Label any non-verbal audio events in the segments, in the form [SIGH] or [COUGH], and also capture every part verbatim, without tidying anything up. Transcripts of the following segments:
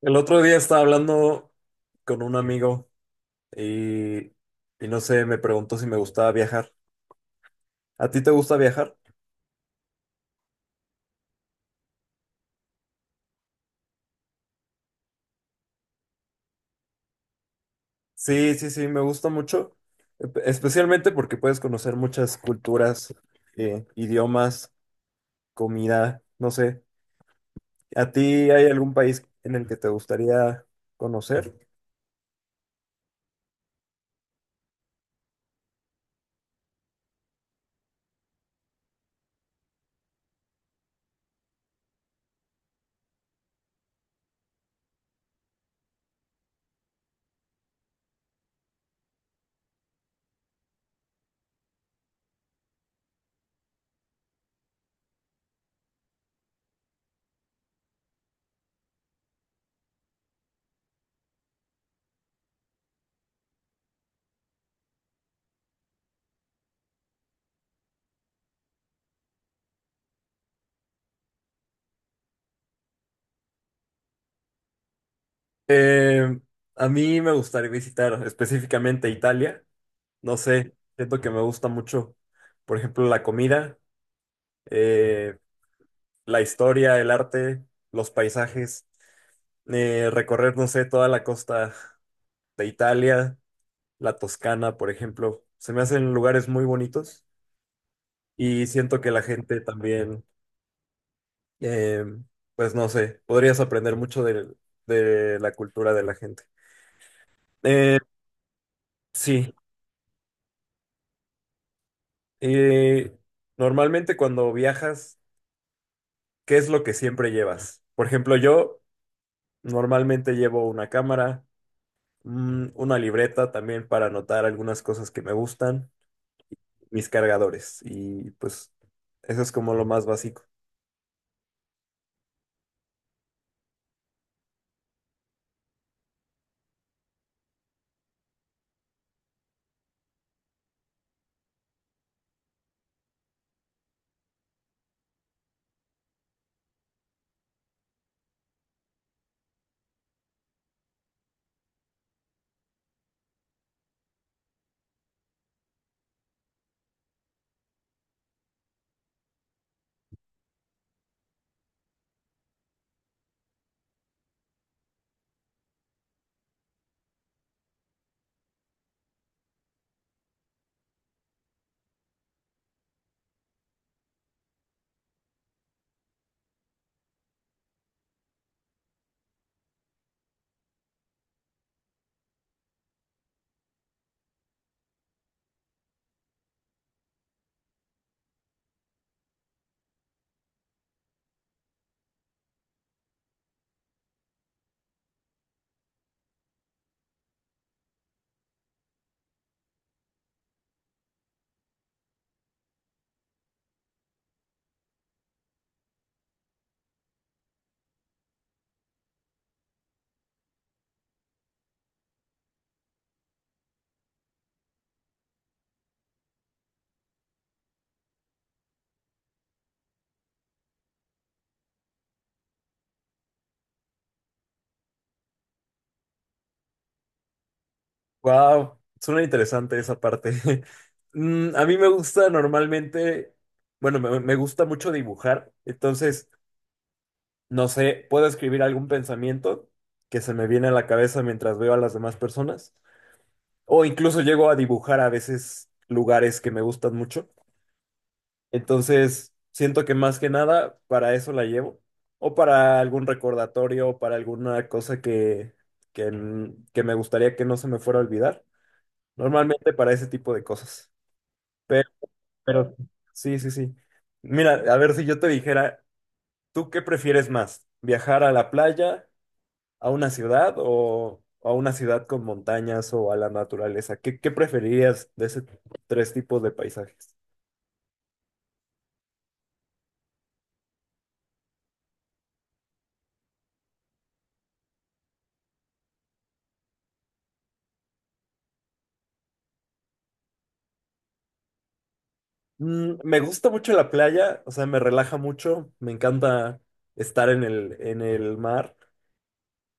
El otro día estaba hablando con un amigo y, y no sé, me preguntó si me gustaba viajar. ¿A ti te gusta viajar? Sí, sí, sí, me gusta mucho, espe- especialmente porque puedes conocer muchas culturas, eh, idiomas, comida, no sé. ¿A ti hay algún país en el que te gustaría conocer? Eh, a mí me gustaría visitar específicamente Italia. No sé, siento que me gusta mucho, por ejemplo, la comida. Eh, la historia, el arte, los paisajes, eh, recorrer, no sé, toda la costa de Italia, la Toscana, por ejemplo. Se me hacen lugares muy bonitos y siento que la gente también, eh, pues no sé, podrías aprender mucho de, de la cultura de la gente. Eh, sí, eh, normalmente cuando viajas, ¿qué es lo que siempre llevas? Por ejemplo, yo normalmente llevo una cámara. Mm, Una libreta también para anotar algunas cosas que me gustan, mis cargadores y pues eso es como lo más básico. Wow, suena interesante esa parte. [LAUGHS] Mm, A mí me gusta normalmente, bueno, me, me gusta mucho dibujar, entonces, no sé, puedo escribir algún pensamiento que se me viene a la cabeza mientras veo a las demás personas o incluso llego a dibujar a veces lugares que me gustan mucho. Entonces, siento que más que nada para eso la llevo, o para algún recordatorio, o para alguna cosa que, que, n- que me gustaría que no se me fuera a olvidar. Normalmente para ese tipo de cosas. Pero, pero sí, sí, sí. Mira, a ver si yo te dijera, ¿tú qué prefieres más? ¿Viajar a la playa, a una ciudad o a una ciudad con montañas o a la naturaleza? ¿Qué, qué preferirías de esos tres tipos de paisajes? Mm, me gusta mucho la playa, o sea, me relaja mucho, me encanta estar en el, en el mar,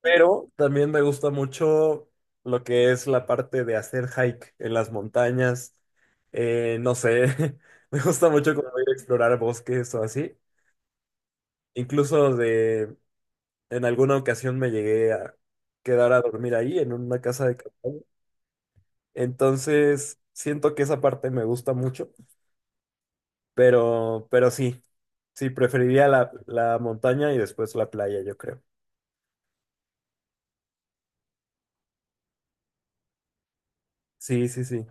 pero también me gusta mucho lo que es la parte de hacer hike en las montañas, eh, no sé, [LAUGHS] me gusta mucho como ir a explorar bosques o así, incluso de, en alguna ocasión me llegué a quedar a dormir ahí en una casa de campaña, entonces siento que esa parte me gusta mucho. Pero, pero sí, sí, preferiría la, la montaña y después la playa, yo creo. Sí, sí, sí.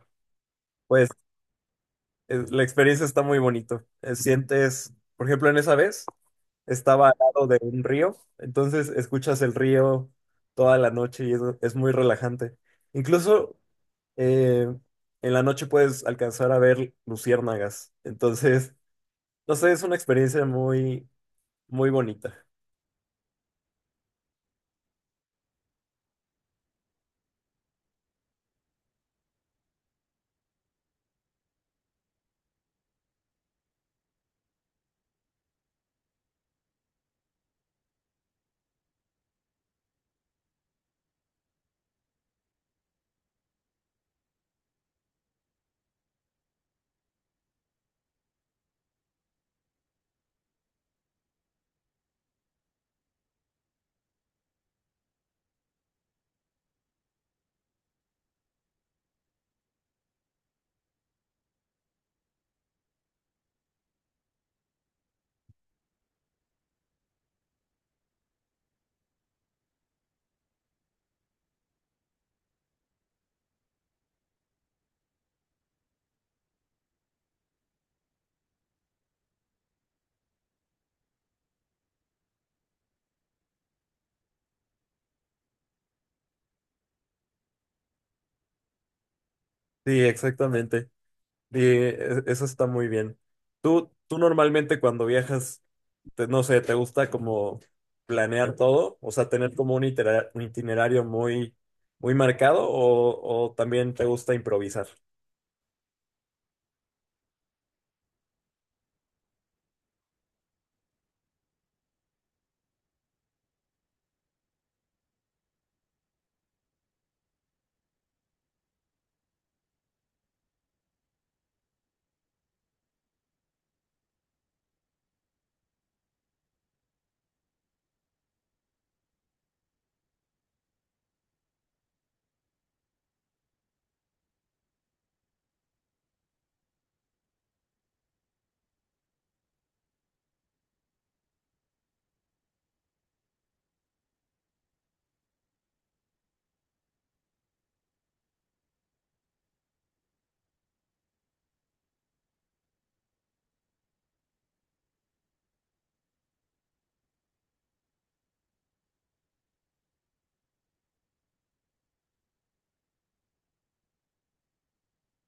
Pues es- la experiencia está muy bonito. Eh, Sientes, por ejemplo, en esa vez estaba al lado de un río, entonces escuchas el río toda la noche y es, es muy relajante. Incluso eh, en la noche puedes alcanzar a ver luciérnagas. Entonces, no sé, es una experiencia muy, muy bonita. Sí, exactamente. Sí, e- eso está muy bien. Tú, tú normalmente cuando viajas, te- no sé, ¿te gusta como planear todo? O sea, tener como un itera- un itinerario muy, muy marcado o, o también te gusta improvisar.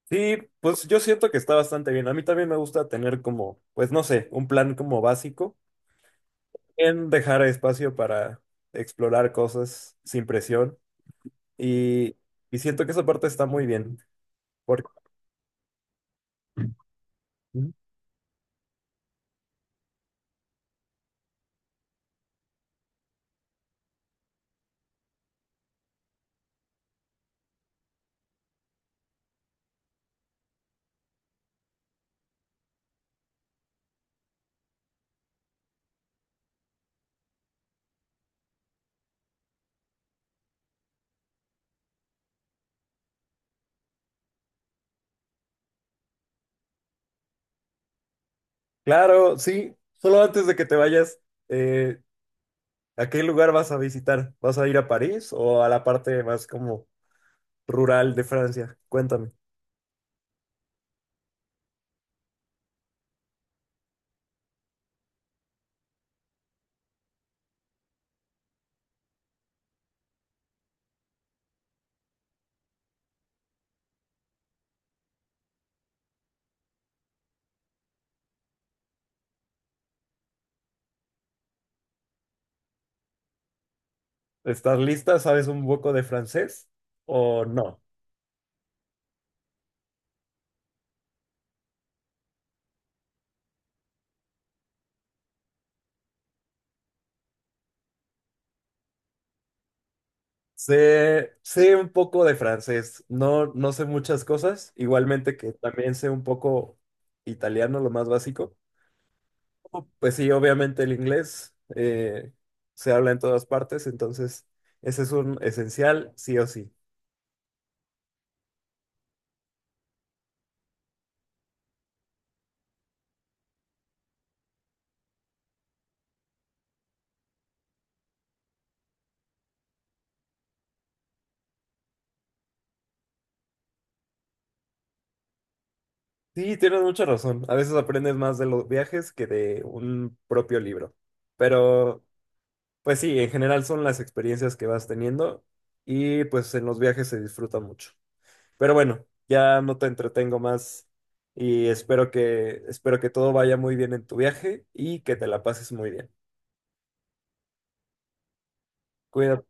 Sí, pues yo siento que está bastante bien. A mí también me gusta tener como, pues no sé, un plan como básico, en dejar espacio para explorar cosas sin presión y, y siento que esa parte está muy bien. porque- Claro, sí. Solo antes de que te vayas, eh, ¿a qué lugar vas a visitar? ¿Vas a ir a París o a la parte más como rural de Francia? Cuéntame. ¿Estás lista? ¿Sabes un poco de francés o no? Sé, sé un poco de francés. No, no sé muchas cosas. Igualmente que también sé un poco italiano, lo más básico. Oh, pues sí, obviamente el inglés eh, se habla en todas partes, entonces ese es un esencial, sí o sí. Sí, tienes mucha razón. A veces aprendes más de los viajes que de un propio libro. Pero, pues sí, en general son las experiencias que vas teniendo y pues en los viajes se disfruta mucho. Pero bueno, ya no te entretengo más y espero que, espero que todo vaya muy bien en tu viaje y que te la pases muy bien. Cuídate.